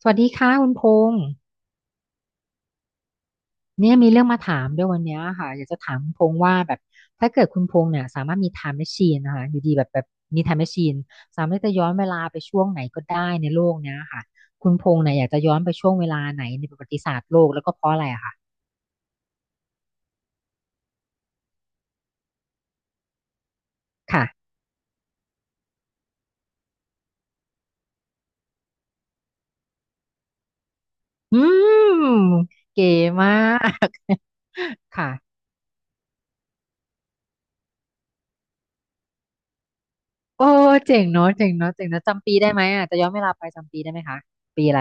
สวัสดีค่ะคุณพงษ์เนี่ยมีเรื่องมาถามด้วยวันเนี้ยค่ะอยากจะถามคุณพงษ์ว่าแบบถ้าเกิดคุณพงษ์เนี่ยสามารถมีไทม์แมชชีนนะคะอยู่ดีแบบมีไทม์แมชชีนสามารถจะย้อนเวลาไปช่วงไหนก็ได้ในโลกเนี้ยค่ะคุณพงษ์เนี่ยอยากจะย้อนไปช่วงเวลาไหนในประวัติศาสตร์โลกแล้วก็เพราะอะไรอะค่ะค่ะอืมเก๋มาก ค่ะโอ้เจ๋งเนาะเจ๋งเนาะเจ๋งเนาะจำปีได้ไหมอ่ะจะย้อนเวลาไปจำปีได้ไหมคะปีอะไร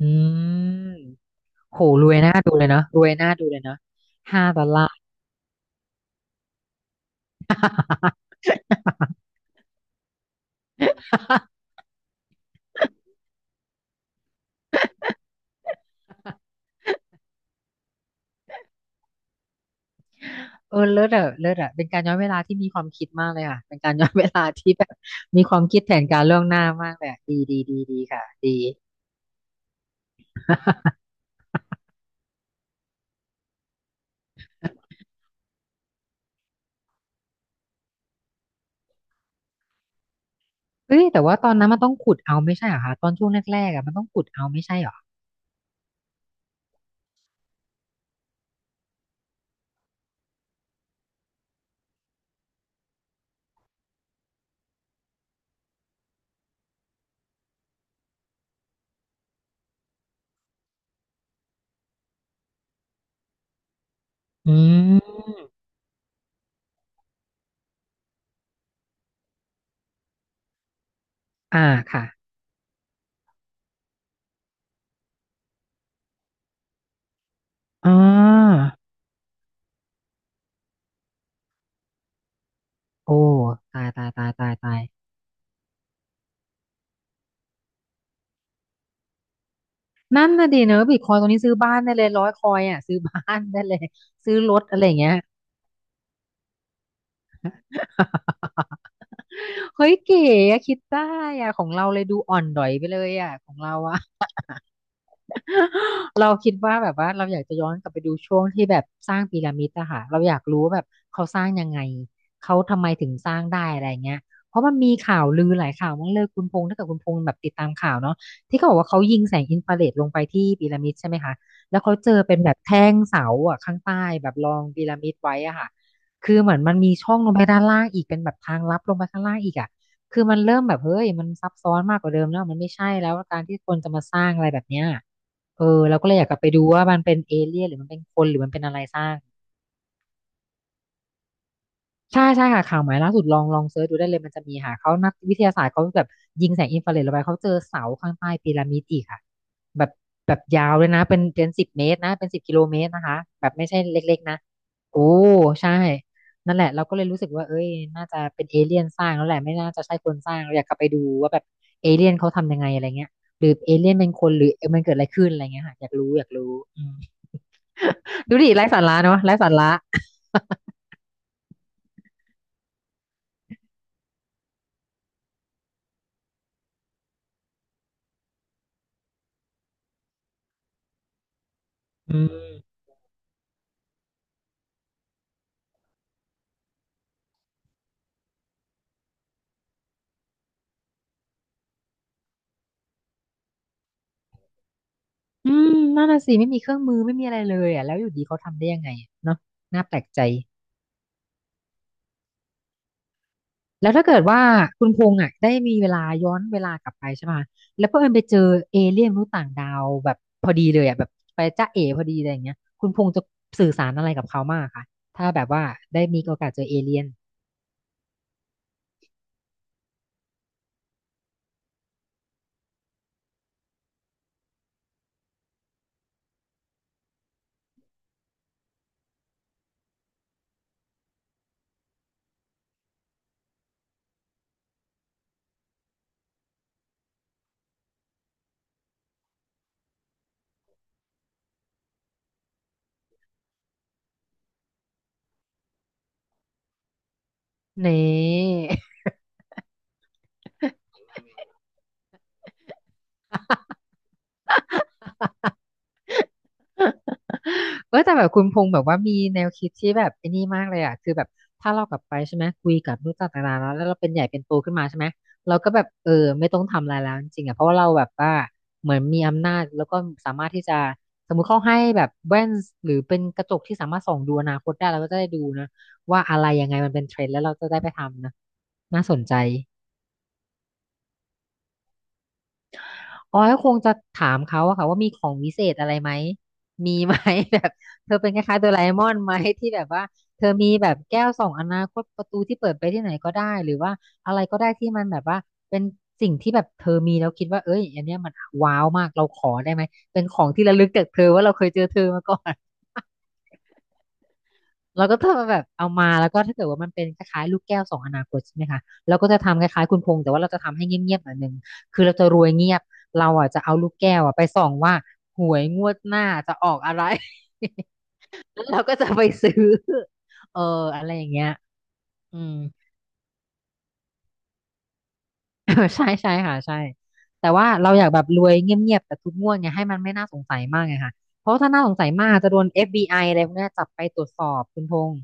อืม โหรวยน่าดูเลยนะรวยน่าดูเลยนะ$5 เออเลิศอะเลิศอะเป็นการย้อนเวลาที่มีความคิดมากเลยค่ะเป็นการย้อนเวลาที่แบบมีความคิดแผนการล่วงหน้ามากเลยอะดีดีดีดีค่ะดี เฮ้ยแต่ว่าตอนนั้นมันต้องขุดเอาไม่ใช่เหรอคะตอนช่วงแรกๆอะมันต้องขุดเอาไม่ใช่เหรออืมอ่าค่ะอ่าโอ้ตายตายตายตายตายนั่นน่ะดีเนอะบิตคอยตัวนี้ซื้อบ้านได้เลยร้อยคอยอะซื้อบ้านได้เลยซื้อรถอะไรอย่างเงี้ย เฮ้ยเก๋อะคิดได้อะของเราเลยดูอ่อนด๋อยไปเลยอะของเราอะ เราคิดว่าแบบว่าเราอยากจะย้อนกลับไปดูช่วงที่แบบสร้างพีระมิดอะค่ะเราอยากรู้ว่าแบบเขาสร้างยังไงเขาทำไมถึงสร้างได้อะไรเงี้ยเพราะมันมีข่าวลือหลายข่าวมากเลยคุณพงษ์ถ้าเกิดคุณพงษ์แบบติดตามข่าวเนาะที่เขาบอกว่าเขายิงแสงอินฟราเรดลงไปที่พีระมิดใช่ไหมคะแล้วเขาเจอเป็นแบบแท่งเสาอะข้างใต้แบบรองพีระมิดไว้อะค่ะคือเหมือนมันมีช่องลงไปด้านล่างอีกเป็นแบบทางลับลงไปข้างล่างอีกอะคือมันเริ่มแบบเฮ้ยมันซับซ้อนมากกว่าเดิมแล้วมันไม่ใช่แล้วการที่คนจะมาสร้างอะไรแบบเนี้ย เออเราก็เลยอยากกลับไปดูว่ามันเป็นเอเลี่ยนหรือมันเป็นคนหรือมันเป็นอะไรสร้างใช่ใช่ค่ะข่าวใหม่ล่าสุดลองลองเซิร์ชดูได้เลยมันจะมีค่ะเขานักวิทยาศาสตร์เขาแบบยิงแสงอินฟราเรดลงไปเขาเจอเสาข้างใต้พีระมิดอีกค่ะแบบแบบยาวเลยนะเป็น10 เมตรนะเป็น10 กิโลเมตรนะคะแบบไม่ใช่เล็กๆนะโอ้ใช่นั่นแหละเราก็เลยรู้สึกว่าเอ้ยน่าจะเป็นเอเลี่ยนสร้างแล้วแหละไม่น่าจะใช่คนสร้างเราอยากกลับไปดูว่าแบบเอเลี่ยนเขาทำยังไงอะไรเงี้ยหรือเอเลี่ยนเป็นคนหรือมันเกิดอะไรขึ้นอะไรเงี้ยค่ะอยากรู้อยากรู้อืม ดูดิไร้สาระเนาะไร้สาระอืมอืมนั่นน่ะสิไม่มีเครื่องมือไม่มีอะไรเลยอ่ะแล้วอยู่ดีเขาทำได้ยังไงอะเนาะน่าแปลกใจแล้วถ้าเกิดว่าคุณพงษ์อ่ะได้มีเวลาย้อนเวลากลับไปใช่ไหมแล้วเพื่อนไปเจอเอเลี่ยนมนุษย์ต่างดาวแบบพอดีเลยอ่ะแบบไปจ้าเอ๋พอดีอะไรอย่างเงี้ยคุณพงษ์จะสื่อสารอะไรกับเขามากค่ะถ้าแบบว่าได้มีโอกาสเจอเอเลี่ยนเน่ เออแต่แบบคุณพงษ์แบบว่ามีแนวคิดที่แบบไอ้นี่มากเลยอ่ะคือแบบถ้าเรากลับไปใช่ไหมคุยกับลูกต่างๆแล้วเราเป็นใหญ่เป็นโตขึ้นมาใช่ไหมเราก็แบบเออไม่ต้องทำอะไรแล้วจริงๆอ่ะเพราะว่าเราแบบว่าเหมือนมีอำนาจแล้วก็สามารถที่จะสมมุติเขาให้แบบแว่นหรือเป็นกระจกที่สามารถส่องดูอนาคตได้เราก็จะได้ดูนะว่าอะไรยังไงมันเป็นเทรนด์แล้วเราจะได้ไปทำนะน่าสนใจ อ๋อก็คงจะถามเขาอะค่ะว่ามีของวิเศษอะไรไหมมีไหม แบบเธอเป็นคล้ายๆโดราเอมอนไหมที่แบบว่าเธอมีแบบแก้วส่องอนาคตประตูที่เปิดไปที่ไหนก็ได้หรือว่าอะไรก็ได้ที่มันแบบว่าเป็นสิ่งที่แบบเธอมีแล้วคิดว่าเอ้ยอันเนี้ยมันว้าวมากเราขอได้ไหมเป็นของที่ระลึกจากเธอว่าเราเคยเจอเธอมาก่อน เราก็จะแบบเอามาแล้วก็ถ้าเกิดว่ามันเป็นคล้ายๆลูกแก้วสองอนาคตใช่ไหมคะเราก็จะทำคล้ายๆคุณพงษ์แต่ว่าเราจะทำให้เงียบๆหน่อยนึงคือเราจะรวยเงียบเราอ่ะจะเอาลูกแก้วอ่ะไปส่องว่าหวยงวดหน้าจะออกอะไร แล้ว เราก็จะไปซื้อเอออะไรอย่างเงี้ยอืม ใช่ใช่ค่ะใช่แต่ว่าเราอยากแบบรวยเงียบๆแต่ทุกงวดเนี่ยให้มันไม่น่าสงสัยมากไงค่ะเพราะถ้าน่าสงสัยมากจะโดน FBI อฟบีไออะไรพวกเนี้ยจับไปตรวจสอบคุณพงษ์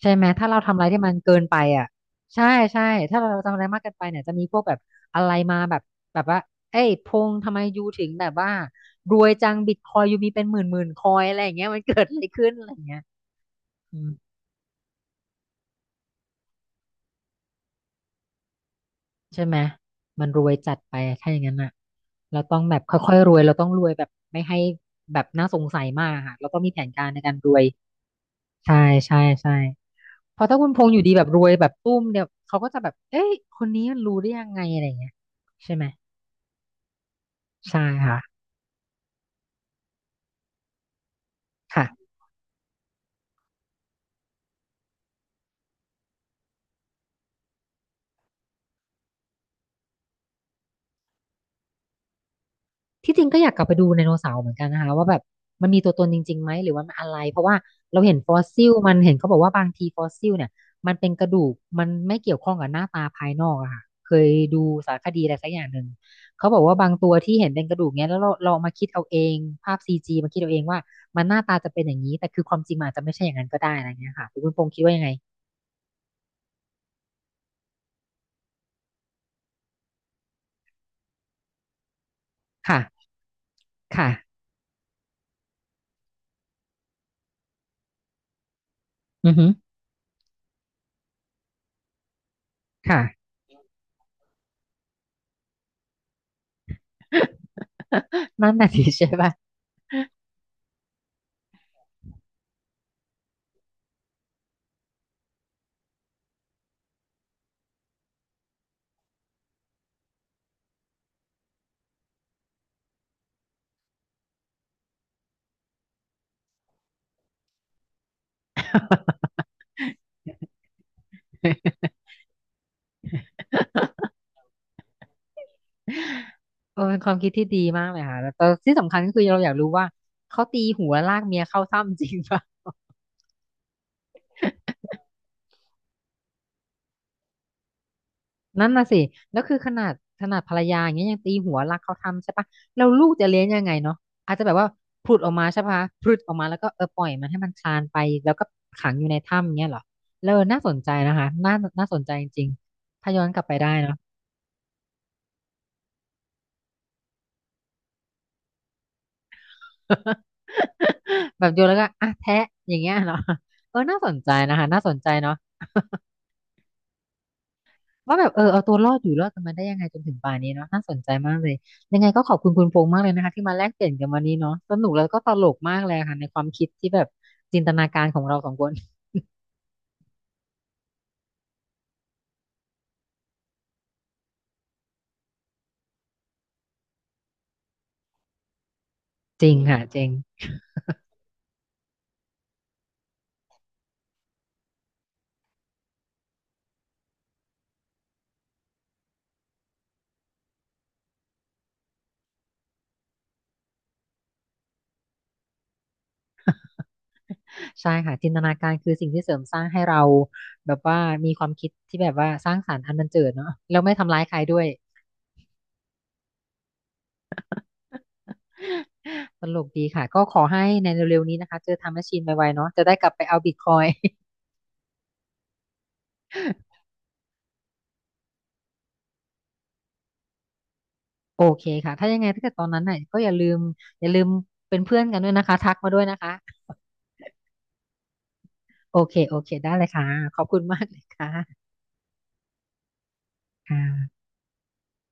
ใช่ไหมถ้าเราทำอะไรที่มันเกินไปอ่ะใช่ใช่ถ้าเราทำอะไรมากเกินไปเนี่ยจะมีพวกแบบอะไรมาแบบแบบว่าเอ้ยพงษ์ทำไมยูถึงแบบว่ารวยจังบิตคอยยูมีเป็นหมื่นหมื่นคอยอะไรอย่างเงี้ยมันเกิดอะไรขึ้นอะไรอย่างเงี้ยอืมใช่ไหมมันรวยจัดไปอะถ้าอย่างนั้นอ่ะเราต้องแบบค่อยๆรวยเราต้องรวยแบบไม่ให้แบบน่าสงสัยมากอะค่ะเราต้องมีแผนการในการรวยใช่ใช่ใช่เพราะถ้าคุณพงษ์อยู่ดีแบบรวยแบบตุ้มเดียวเขาก็จะแบบเอ้ยคนนี้มันรู้ได้ยังไงอะไรอย่างเงี้ยใช่ไหม ใช่ค่ะค่ะ ที่จริงก็อยากกลับไปดูไดโนเสาร์เหมือนกันนะคะว่าแบบมันมีตัวตนจริงๆไหมหรือว่ามันอะไร เพราะว่าเราเห็นฟอสซิลมันเห็นเขาบอกว่าบางทีฟอสซิลเนี่ยมันเป็นกระดูกมันไม่เกี่ยวข้องกับหน้าตาภายนอกอะค่ะเคยดูสารคดีอะไรสักอย่างหนึ่งเขาบอกว่าบางตัวที่เห็นเป็นกระดูกเนี้ยแล้วเราเอามาคิดเอาเองภาพซีจีมาคิดเอาเองว่ามันหน้าตาจะเป็นอย่างนี้แต่คือความจริงมันอาจจะไม่ใช่อย่างนั้นก็ได้อะไรเงี้ยค่ะคุณพงษ์คิดว่ายังไงค่ะค่ะอือฮึค่ะ นั่นน่ะสิใช่ป่ะ เออเป็นความคิดที่ดีมากเลยค่ะแล้วแต่ที่สำคัญก็คือเราอยากรู้ว่าเขาตีหัวลากเมียเข้าถ้ำจริงปะ นั่นน่ะสิแล้วคือขนาดขนาดภรรยาอย่างเงี้ยยังตีหัวลากเข้าถ้ำใช่ปะเราลูกจะเลี้ยงยังไงเนาะอาจจะแบบว่าผุดออกมาใช่ปะผุดออกมาแล้วก็เออปล่อยมันให้มันคลานไปแล้วก็ขังอยู่ในถ้ำเงี้ยเหรอเออน่าสนใจนะคะน่าน่าสนใจจริงๆถ้าย้อนกลับไปได้เนาะ แบบโยนแล้วก็อ่ะแทะอย่างเงี้ยเหรอเออน่าสนใจนะคะน่าสนใจเนาะ ว่าแบบเออเอาตัวรอดอยู่รอดกันมาได้ยังไงจนถึงป่านนี้เนาะน่าสนใจมากเลยยังไงก็ขอบคุณคุณพงษ์มากเลยนะคะที่มาแลกเปลี่ยนกันวันนี้เนาะสนุกแล้วก็ตลกมากเลยค่ะในความคิดที่แบบจินตนาการของเราสองคน จริงค่ะจริงใช่ค่ะจินตนาการคือสิ่งที่เสริมสร้างให้เราแบบว่ามีความคิดที่แบบว่าสร้างสรรค์อันบันเจิดเนาะแล้วไม่ทำร้ายใครด้วย ตลกดีค่ะก็ขอให้ในเร็วๆนี้นะคะเจอทำแมชชีนไวๆเนาะจะได้กลับไปเอาบิตคอย โอเคค่ะถ้ายังไงถ้าเกิดตอนนั้นน่ะก็อย่าลืมอย่าลืมเป็นเพื่อนกันด้วยนะคะทักมาด้วยนะคะ โอเค โอเค ได้เลยค่ะ ขอบคุณมากเลยค่ะค่ะ